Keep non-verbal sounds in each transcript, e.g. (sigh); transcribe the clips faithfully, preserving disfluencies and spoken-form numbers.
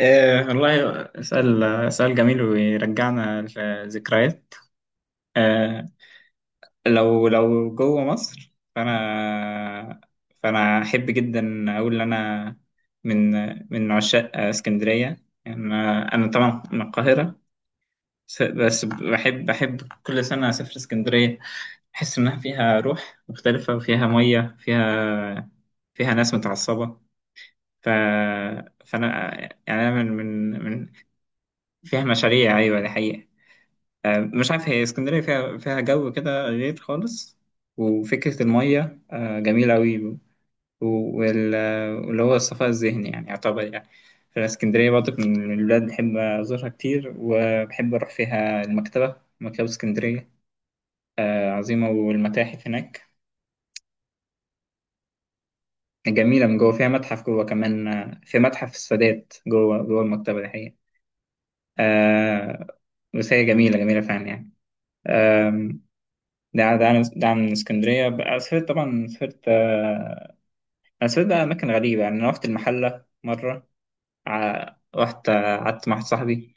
آه والله سؤال سؤال جميل ويرجعنا لذكريات. آه لو لو جوه مصر، فأنا فأنا أحب جدا أقول إن أنا من من عشاق اسكندرية. يعني أنا أنا طبعا من القاهرة، س- بس بحب بحب كل سنة أسافر اسكندرية. أحس إنها فيها روح مختلفة، وفيها مية، فيها فيها ناس متعصبة. ف... فأنا يعني أنا من من فيها مشاريع، أيوة دي حقيقة. آه، مش عارف، هي اسكندرية فيها فيها جو كده غير خالص. وفكرة المية آه، جميلة أوي، و- وال- آه، واللي هو الصفاء الذهني، يعني يعتبر. يعني في اسكندرية برضك من البلاد بحب أزورها كتير، وبحب أروح فيها المكتبة، مكتبة اسكندرية آه، عظيمة، والمتاحف هناك جميلة من جوه. فيها متحف جوه كمان، آه، في متحف السادات جوه جوه المكتبة، دي حقيقة. آه، بس هي جميلة جميلة فعلا يعني. ده عن- ده عن ده عن اسكندرية. بقى سافرت، طبعا سافرت آه، أنا سافرت بقى أماكن غريبة يعني. أنا رحت المحلة مرة، ع- رحت آه، قعدت مع واحد صاحبي.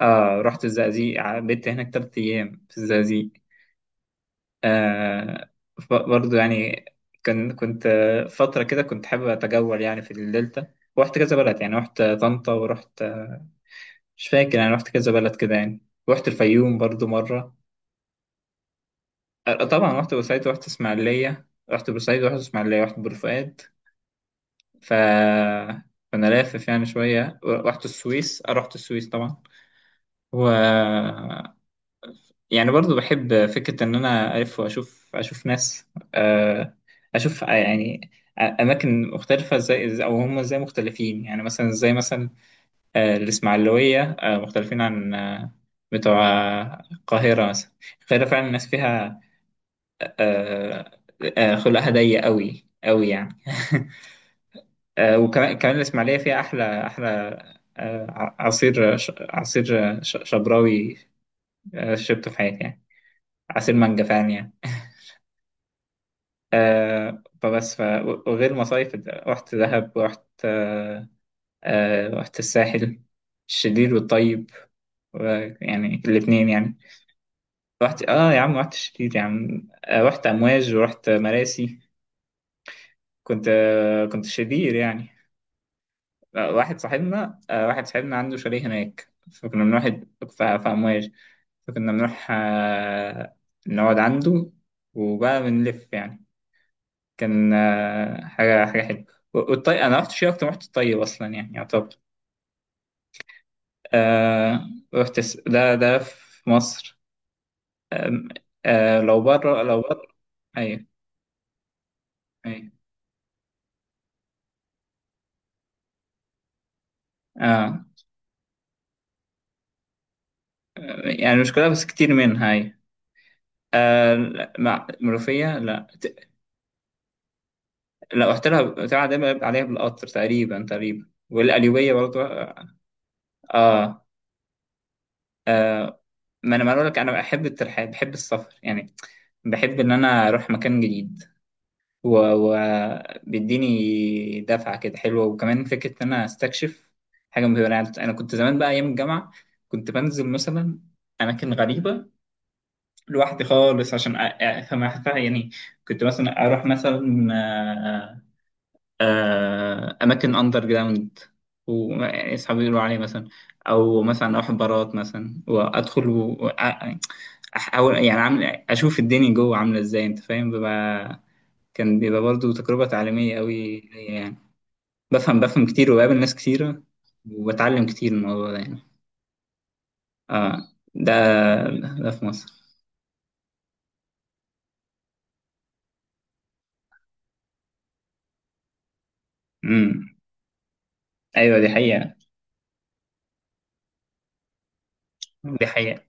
آه رحت الزقازيق، ع- بيت هناك تلات أيام في الزقازيق. آه ف- برضه يعني كان كنت آه، فترة كده كنت حابب أتجول يعني في الدلتا. رحت كذا بلد يعني، رحت طنطا، ورحت آه، مش فاكر، يعني رحت كذا بلد كده يعني. رحت الفيوم برضه مرة. آه، طبعا رحت بورسعيد ورحت إسماعيلية، رحت بورسعيد ورحت إسماعيلية، رحت بورفؤاد. ف فانا لافف يعني شويه. رحت السويس، آه، رحت السويس طبعا. و يعني برضو بحب فكره ان انا الف واشوف، اشوف ناس، آه، اشوف يعني اماكن مختلفه ازاي، او هم ازاي مختلفين. يعني مثلا زي مثلا آه، الاسماعيلويه آه، مختلفين عن آه، بتوع آه، القاهره مثلا. القاهره فعلا الناس فيها آه، آه، خلقها ضيق قوي قوي يعني. (laughs) آه، وكمان كمان الإسماعيلية فيها أحلى أحلى آه، ع- عصير ش- عصير ش- شبراوي. آه، شربته في حياتي يعني عصير مانجا فعلا يعني. آه، فبس ف... وغير مصايف، رحت دهب ورحت آه، آه، رحت الساحل، الشرير والطيب، و- يعني الاتنين يعني. رحت، اه يا عم، رحت الشرير يا عم. آه، رحت أمواج ورحت مراسي. كنت آه، كنت شرير يعني. لا، واحد صاحبنا، آه، واحد صاحبنا عنده شاليه هناك، فكنا بنروح، ف- في أمواج، فكنا بنروح آه، نقعد عنده، وبقى بنلف يعني. كان آه، حاجة حاجة حلوة. والطي أنا رحت شيء أكتر، رحت الطيب أصلا يعني يعتبر. آه، رحت الس- ده ده في مصر. آم، آه، لو بره، لو بره. أيوه، أيوه. آه، يعني مش كلها بس كتير منها، أيوه. آه، لا، مع- منوفية لا. لا، رحت لها بتاع، دايما بيبقى عليها بالقطر، تقريبا تقريبا، والقليوبية برضه. اه، ما انا بقول لك، انا بحب الترحال بحب السفر يعني. بحب ان انا اروح مكان جديد، وبيديني دفعة كده حلوة، وكمان فكرة ان انا استكشف حاجة مهمة. انا أنا كنت زمان بقى ايام الجامعة كنت بنزل مثلا اماكن غريبة لوحدي خالص، عشان أ- أ- افهم يعني. كنت مثلا اروح مثلا آه، آه، اماكن اندر جراوند واصحابي يقولوا عليه مثلا، او مثلا اروح بارات مثلا وادخل، و- وأ- احاول يعني، عامل اشوف الدنيا جوه عامله ازاي، انت فاهم. ببقى، كان بيبقى برضو تجربه تعليميه قوي ليا يعني. بفهم بفهم كتير، وبقابل ناس كتيره، وبتعلم كتير من الموضوع ده يعني. اه. ده ده في مصر. امم. ايوه دي حقيقه. دي حقيقه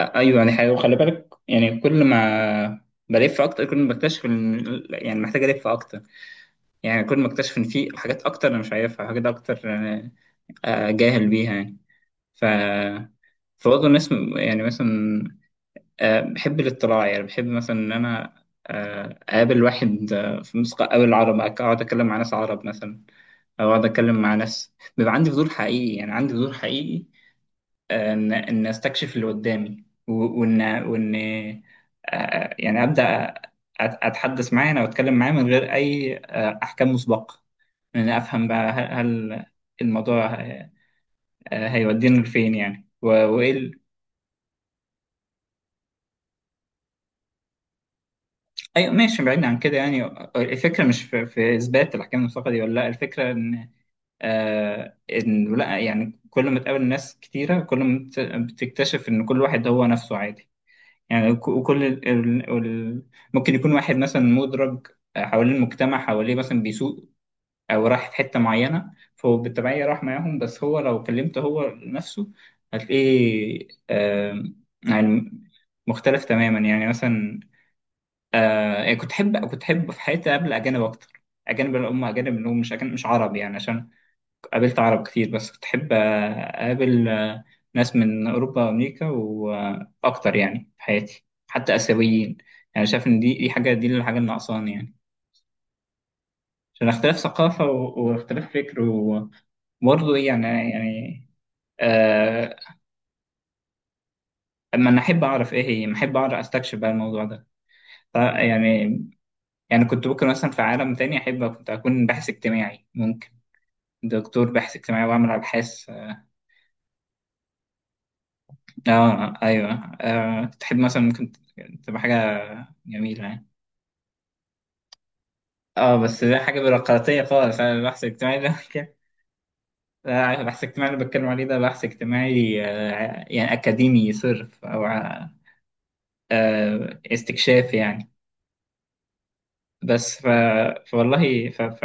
ايوه دي حقيقه وخلي بالك، يعني كل ما بلف اكتر، كل ما بكتشف إن- يعني محتاج الف اكتر. يعني كل ما اكتشف ان في حاجات اكتر انا مش عارفها، حاجات اكتر آه، آه، جاهل بيها يعني. ف فبرضه الناس م- يعني مثلا، آه، بحب الاطلاع، يعني بحب مثلا ان انا آه، اقابل واحد آه، في مصر، اقابل عرب، اقعد اتكلم مع ناس عرب مثلا، او اقعد اتكلم مع ناس. بيبقى عندي فضول حقيقي يعني، عندي فضول حقيقي آه، ان ان استكشف اللي قدامي، و- وان وان آه، يعني ابدا أت- اتحدث معاه او اتكلم معاه من غير اي آه، احكام مسبقه. يعني أفهم بقى، هل هل الموضوع آه، هيودينا لفين يعني، و- وإيه ال... أيوة ماشي، بعيد عن كده يعني. الفكرة مش في, في إثبات الأحكام المعتقدي ولا لأ، الفكرة إن آه إن لأ، يعني كل ما تقابل ناس كتيرة، كل ما بت- بتكتشف إن كل واحد هو نفسه عادي. يعني ك- وكل ال... ال... ال... ممكن يكون واحد مثلا مدرج حوالين المجتمع حواليه مثلا بيسوق، او راح في حته معينه فهو بالتبعيه راح معاهم، بس هو لو كلمته هو نفسه هتلاقيه آم، يعني مختلف تماما. يعني مثلا آه، يعني كنت احب كنت احب في حياتي قبل اجانب اكتر. اجانب اللي هم، اجانب اللي هم مش أجانب مش عرب يعني، عشان قابلت عرب كتير، بس كنت احب آه، اقابل آه، ناس من اوروبا وامريكا، واكتر يعني في حياتي حتى اسيويين. يعني شايف ان دي دي حاجه دي الحاجه اللي ناقصاني يعني، عشان اختلاف ثقافة، و- واختلاف فكر، و- وبرضه إيه يعني يعني آه. اما انا احب اعرف ايه هي، احب اعرف، استكشف بقى الموضوع ده. ف- يعني يعني كنت ممكن مثلا في عالم تاني احب، كنت اكون باحث اجتماعي، ممكن دكتور باحث اجتماعي، واعمل ابحاث. اه ايوه. آه تحب مثلا، ممكن تبقى حاجة جميلة يعني. اه بس ده حاجة بيروقراطية خالص، أنا البحث الاجتماعي ده. (laughs) لا، البحث الاجتماعي اللي بتكلم عليه ده بحث اجتماعي آه، يعني أكاديمي صرف، أو آه، استكشاف يعني. بس ف... فوالله ف... ف...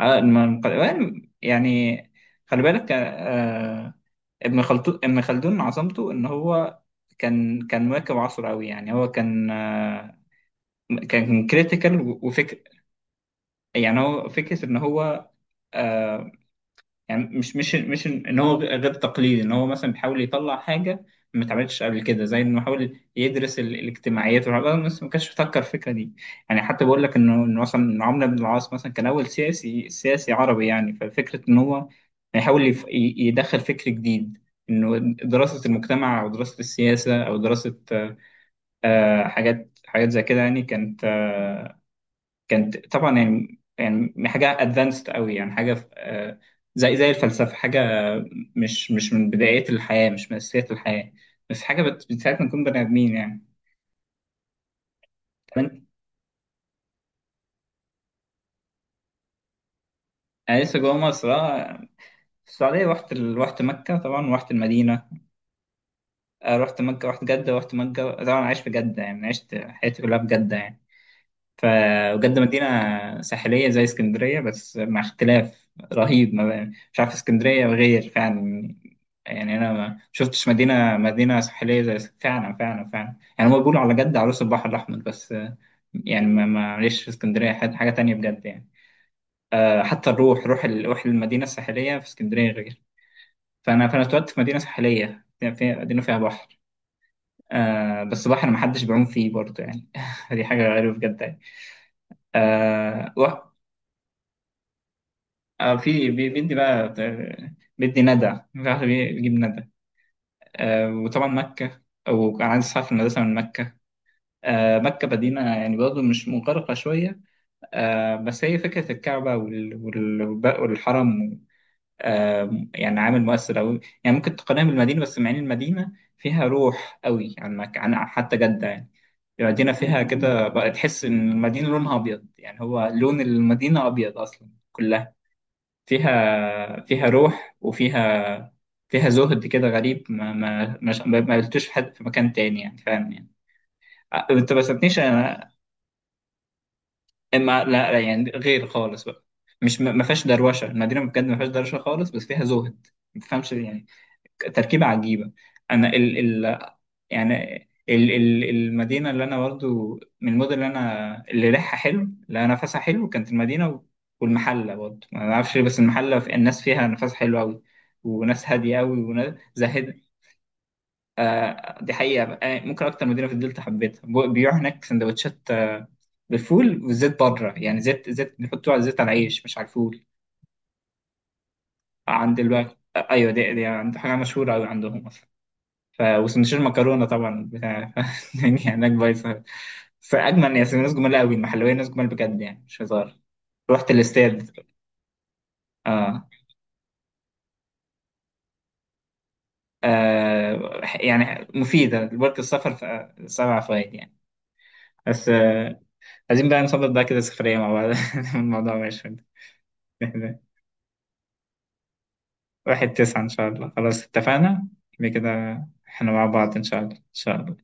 آه، الم- الم- يعني خلي بالك، آه، ابن خلدون ابن خلدون عظمته ان هو كان كان مواكب عصره قوي يعني. هو كان آه، كان كريتيكال وفكر. يعني هو فكرة ان هو آه، يعني مش مش مش ان هو غير تقليدي، ان هو مثلا بيحاول يطلع حاجه ما اتعملتش قبل كده، زي انه يحاول يدرس ال- الاجتماعيات والحاجات دي، بس ما كانش بيفكر الفكره دي يعني. حتى بقول لك انه إنه مثلا إن عمرو بن العاص مثلا كان اول سياسي سياسي عربي يعني. ففكره ان هو يحاول يف- ي- يدخل فكر جديد، انه دراسه المجتمع، او دراسه السياسه، او دراسه آه، حاجات حاجات زي كده يعني. كانت آه، كانت طبعا يعني يعني حاجه ادفانسد قوي، يعني حاجه في- آه، زي زي الفلسفه. حاجه مش مش من بدايات الحياه، مش من اساسيات الحياه، بس حاجه بت- بتساعدنا نكون بني ادمين يعني. كمان. انا لسه جوه مصر، اه، في السعوديه رحت ال- رحت مكه طبعا، رحت المدينه. آه، رحت مكه رحت جده، رحت مكه طبعا، عايش في جده يعني، عشت حياتي كلها في جده يعني. فبجد مدينة ساحلية زي اسكندرية، بس مع اختلاف رهيب. ما بقى- مش عارف، اسكندرية غير فعلا. يعني أنا ما شفتش مدينة، مدينة ساحلية زي اس- فعلا فعلا فعلا يعني، هما بيقولوا على جد عروس البحر الأحمر، بس آه، يعني ما معلش، في اسكندرية حاجة حاجة تانية بجد يعني. آه، حتى الروح، روح ال- روح المدينة الساحلية في اسكندرية غير. فأنا فأنا اتولدت في مدينة ساحلية، يعني في مدينة فيها بحر آه، بس بحر محدش بيعوم فيه برضه يعني. (laughs) دي حاجة غريبة بجد يعني. آه. اه، في بي- بيدي بقى، آه، بيدي ندى، مش عارف بي- بيجيب ندى. آه وطبعا مكة، وكان عندي أصحاب في المدرسة من مكة. آه مكة مدينة يعني برضه مش مغرقة شوية. آه بس هي فكرة الكعبة وال- وال- والحرم آه يعني عامل مؤثر أوي يعني. ممكن تقارنها بالمدينة، بس مع إن المدينة فيها روح أوي عن مك... عن حتى جدة يعني. المدينة فيها كده بقى، تحس إن المدينة لونها أبيض، يعني هو لون المدينة أبيض أصلا كلها. فيها فيها روح، وفيها فيها زهد كده غريب، ما ما ما ما ما قلتوش في حد في مكان تاني يعني، فاهم يعني. أ- انت ما سبتنيش انا. ما لا لا، يعني غير خالص بقى. مش ما ما فيهاش دروشه، المدينه بجد ما فيهاش دروشه خالص، بس فيها زهد ما تفهمش يعني. تركيبه عجيبه. انا ال ال يعني ال- ال- المدينة اللي أنا برضو من المدن اللي أنا اللي ريحها حلو، اللي نفسها حلو، كانت المدينة، و- والمحلة برضو ما أعرفش ليه، بس المحلة في- الناس فيها نفسها حلو أوي، وناس هادية أوي، وناس زاهدة. آه دي حقيقة بقى. آه، ممكن أكتر مدينة في الدلتا حبيتها. ب- بيبيعوا هناك سندوتشات آه، بالفول والزيت، بره يعني، زيت زيت بيحطوه على الزيت، على العيش مش على الفول. آه، عند الوقت. آه، أيوة دي, دي عند حاجة مشهورة أوي عندهم أصلا. ف وسندوتشات مكرونه طبعا بتاع (laughs) ف- يعني هناك بايظه، بس اجمل يا سيدي. ناس جمال قوي، المحلويه ناس جمال بجد يعني، مش هزار. رحت الاستاد. آه. آه يعني مفيده برضه السفر، ف- سبع فوائد يعني. بس آه. عايزين بقى نظبط بقى كده سفريه مع بعض. (laughs) الموضوع ماشي. (laughs) واحد تسعة إن شاء الله خلاص اتفقنا، كده كده، احنا مع بعض إن شاء الله إن شاء الله.